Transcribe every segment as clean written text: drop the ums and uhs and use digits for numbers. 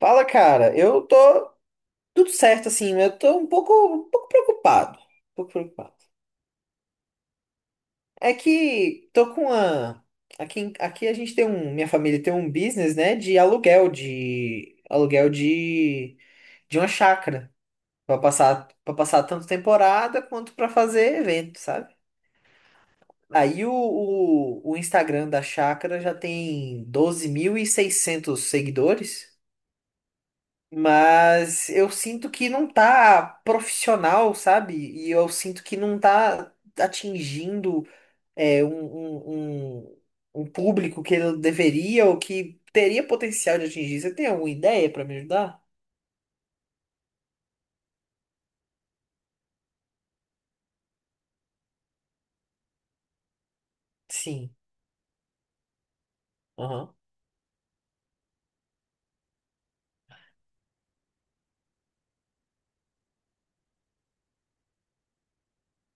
Fala, cara. Eu tô tudo certo, assim. Mas Eu tô um pouco preocupado. Um pouco preocupado. É que tô com uma... Aqui, aqui a gente tem um... Minha família tem um business, né? De aluguel, de... Aluguel de... De uma chácara. Pra passar tanto temporada quanto pra fazer evento, sabe? Aí o Instagram da chácara já tem 12.600 seguidores. Mas eu sinto que não tá profissional, sabe? E eu sinto que não tá atingindo é, um, um, um- um público que ele deveria ou que teria potencial de atingir. Você tem alguma ideia pra me ajudar? Sim. Aham.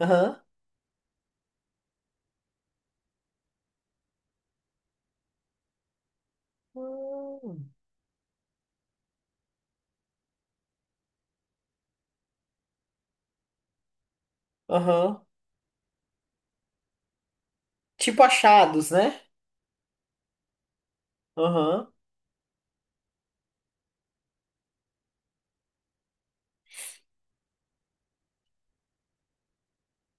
Aham. Hum. Aham. Tipo achados, né? Aham.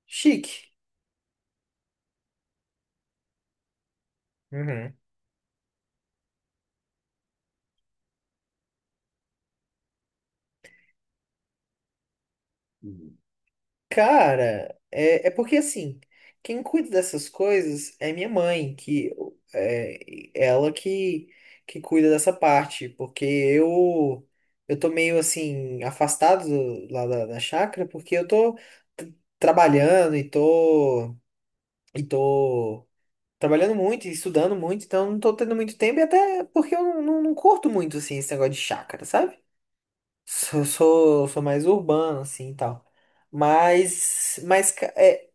Chique. Uhum. Cara, é porque assim, quem cuida dessas coisas é minha mãe, que é ela que cuida dessa parte, porque eu tô meio assim afastado lá da, da chácara, porque eu t- trabalhando e tô trabalhando muito e estudando muito, então não tô tendo muito tempo e até porque eu não curto muito assim esse negócio de chácara, sabe? Sou mais urbano assim e tal. Mas, mas ca- é,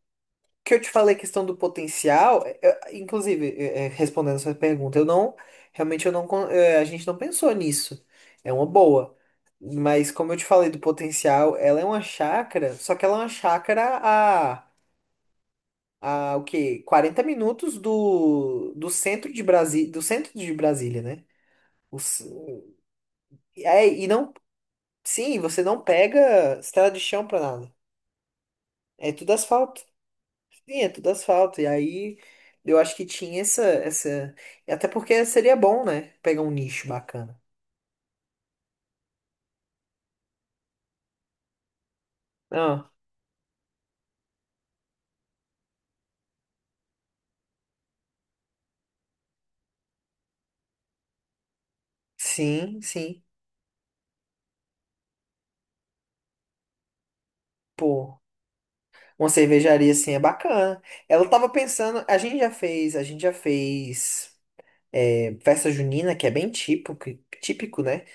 que eu te falei, a questão do potencial, inclusive, respondendo essa pergunta, eu não, realmente eu não, con- é, a gente não pensou nisso. É uma boa. Mas como eu te falei do potencial, ela é uma chácara, só que ela é uma chácara a o quê? 40 minutos do, do centro de Brasília, do centro de Brasília, né? O c- é, e não, sim, você não pega estrada de chão pra nada. É tudo asfalto. Sim, é tudo asfalto. E aí eu acho que tinha essa. Até porque seria bom, né? Pegar um nicho bacana. Ah, sim, sim. Pô, uma cervejaria assim é bacana. Ela tava pensando, a gente já fez festa junina, que é bem típico, típico, né?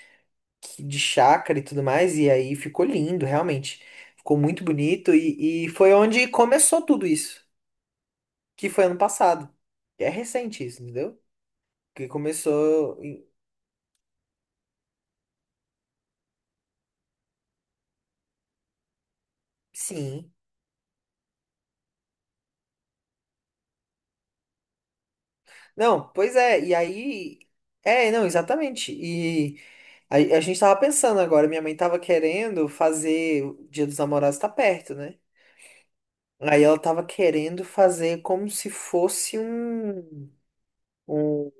De chácara e tudo mais. E aí ficou lindo, realmente. Ficou muito bonito. E foi onde começou tudo isso, que foi ano passado. É recente isso, entendeu? Que começou. Sim. Não, pois é, e aí. É, não, exatamente. E a gente tava pensando agora, minha mãe tava querendo fazer. O Dia dos Namorados tá perto, né? Aí ela tava querendo fazer como se fosse um, um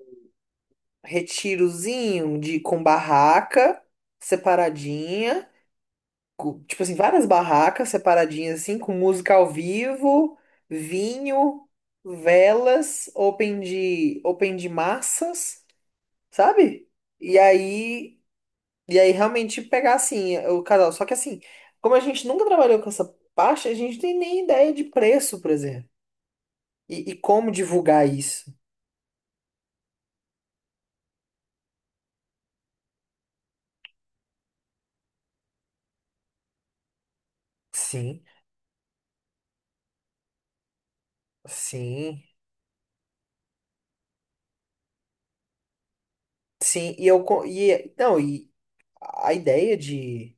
retirozinho de, com barraca separadinha, tipo assim, várias barracas separadinhas assim, com música ao vivo, vinho, velas, open de massas. Sabe? E aí, e aí realmente pegar assim o casal. Só que assim, como a gente nunca trabalhou com essa parte, a gente não tem nem ideia de preço, por exemplo. E como divulgar isso? Sim, sim, sim. E eu co- e não, e a ideia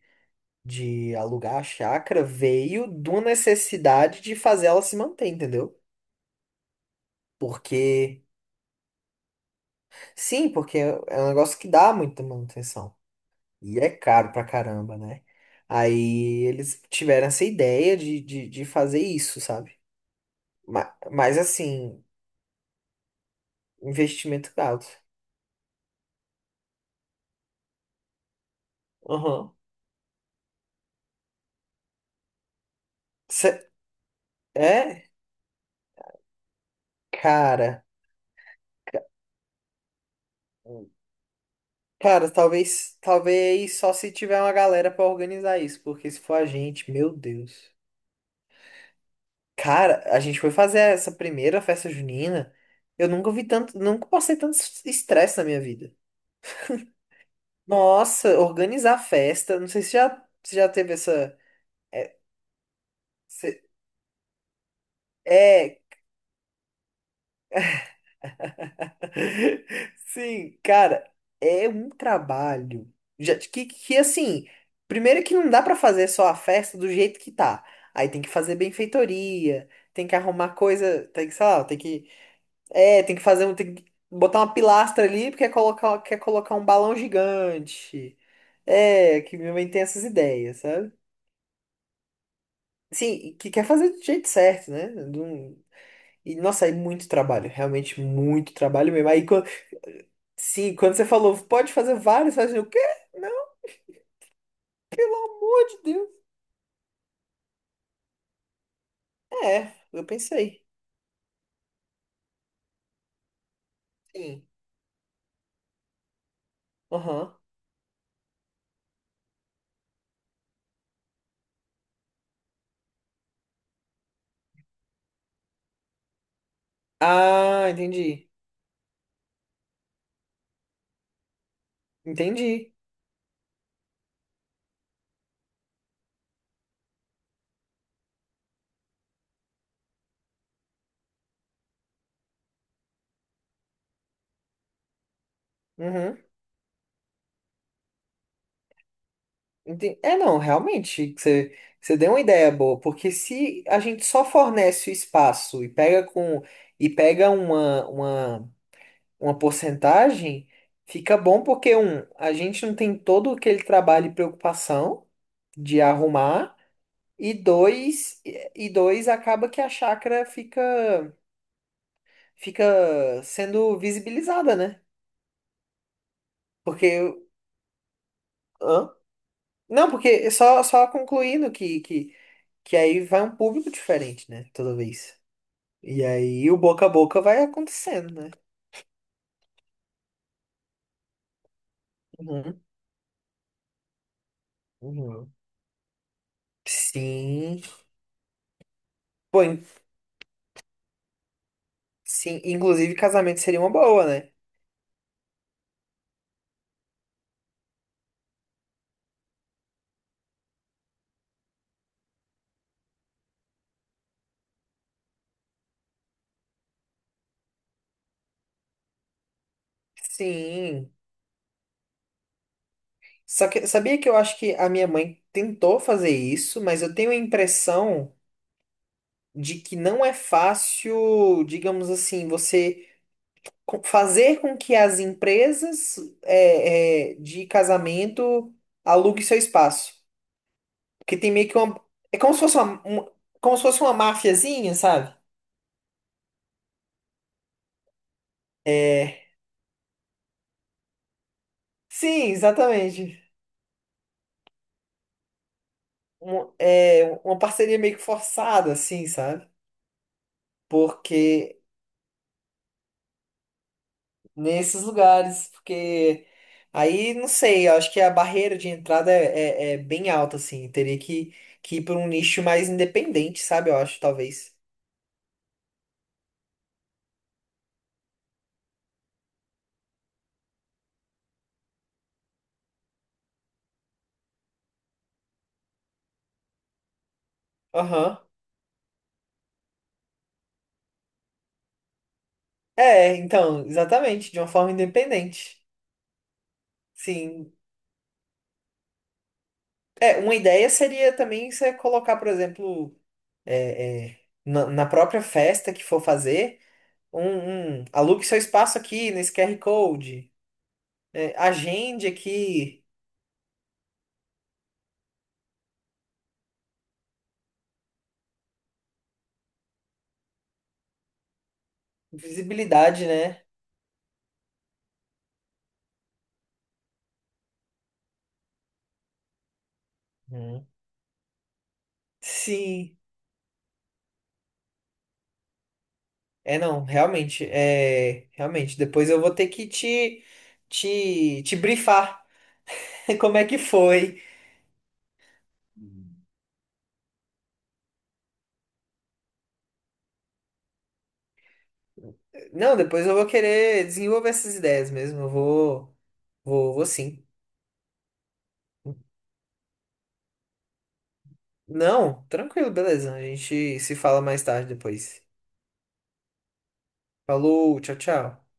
de alugar a chácara veio de uma necessidade de fazer ela se manter, entendeu? Porque sim, porque é um negócio que dá muita manutenção. E é caro pra caramba, né? Aí eles tiveram essa ideia de fazer isso, sabe? Mas, mas assim, investimento alto. Aham. Cê- É, cara. Cara, talvez só se tiver uma galera pra organizar isso, porque se for a gente, meu Deus. Cara, a gente foi fazer essa primeira festa junina, eu nunca vi tanto, nunca passei tanto estresse na minha vida. Nossa, organizar festa, não sei se já, se já teve essa é, Cê- É, sim, cara, é um trabalho. Já, que assim, primeiro que não dá pra fazer só a festa do jeito que tá. Aí tem que fazer benfeitoria, tem que arrumar coisa, tem que, sei lá, tem que, é, tem que fazer um, tem que botar uma pilastra ali porque quer colocar um balão gigante. É, que minha mãe tem essas ideias, sabe? Sim, e que quer fazer do jeito certo, né? E, nossa, é muito trabalho, realmente muito trabalho mesmo. Aí, sim, quando você falou, pode fazer vários, fazer o quê? Meu amor de Deus. É, eu pensei. Sim. Aham. Ah, entendi. Entendi. Uhum. É, não, realmente, você deu uma ideia boa, porque se a gente só fornece o espaço e pega uma porcentagem, fica bom porque um, a gente não tem todo aquele trabalho e preocupação de arrumar. E dois, e dois acaba que a chácara fica sendo visibilizada, né? Porque hã? Não, porque só concluindo que aí vai um público diferente, né? Toda vez. E aí o boca a boca vai acontecendo, né? Uhum, uhum. Sim. Pô, in- sim, inclusive casamento seria uma boa, né? Sim. Só que sabia que eu acho que a minha mãe tentou fazer isso, mas eu tenho a impressão de que não é fácil, digamos assim, você fazer com que as empresas de casamento aluguem seu espaço. Porque tem meio que uma. É como se fosse uma, um- como se fosse uma máfiazinha, sabe? É. Sim, exatamente. Uma parceria meio que forçada, assim, sabe? Porque nesses lugares, porque aí não sei, eu acho que a barreira de entrada é bem alta, assim, que ir para um nicho mais independente, sabe? Eu acho, talvez. Aham. É, então, exatamente, de uma forma independente. Sim. É, uma ideia seria também você colocar, por exemplo, na própria festa que for fazer, um alugue seu espaço aqui nesse QR Code, é, agende aqui, visibilidade, né? Uhum. Sim. É, não, realmente, é, realmente, depois eu vou ter que te brifar como é que foi. Não, depois eu vou querer desenvolver essas ideias mesmo, vou sim. Não, tranquilo, beleza, a gente se fala mais tarde depois. Falou, tchau, tchau.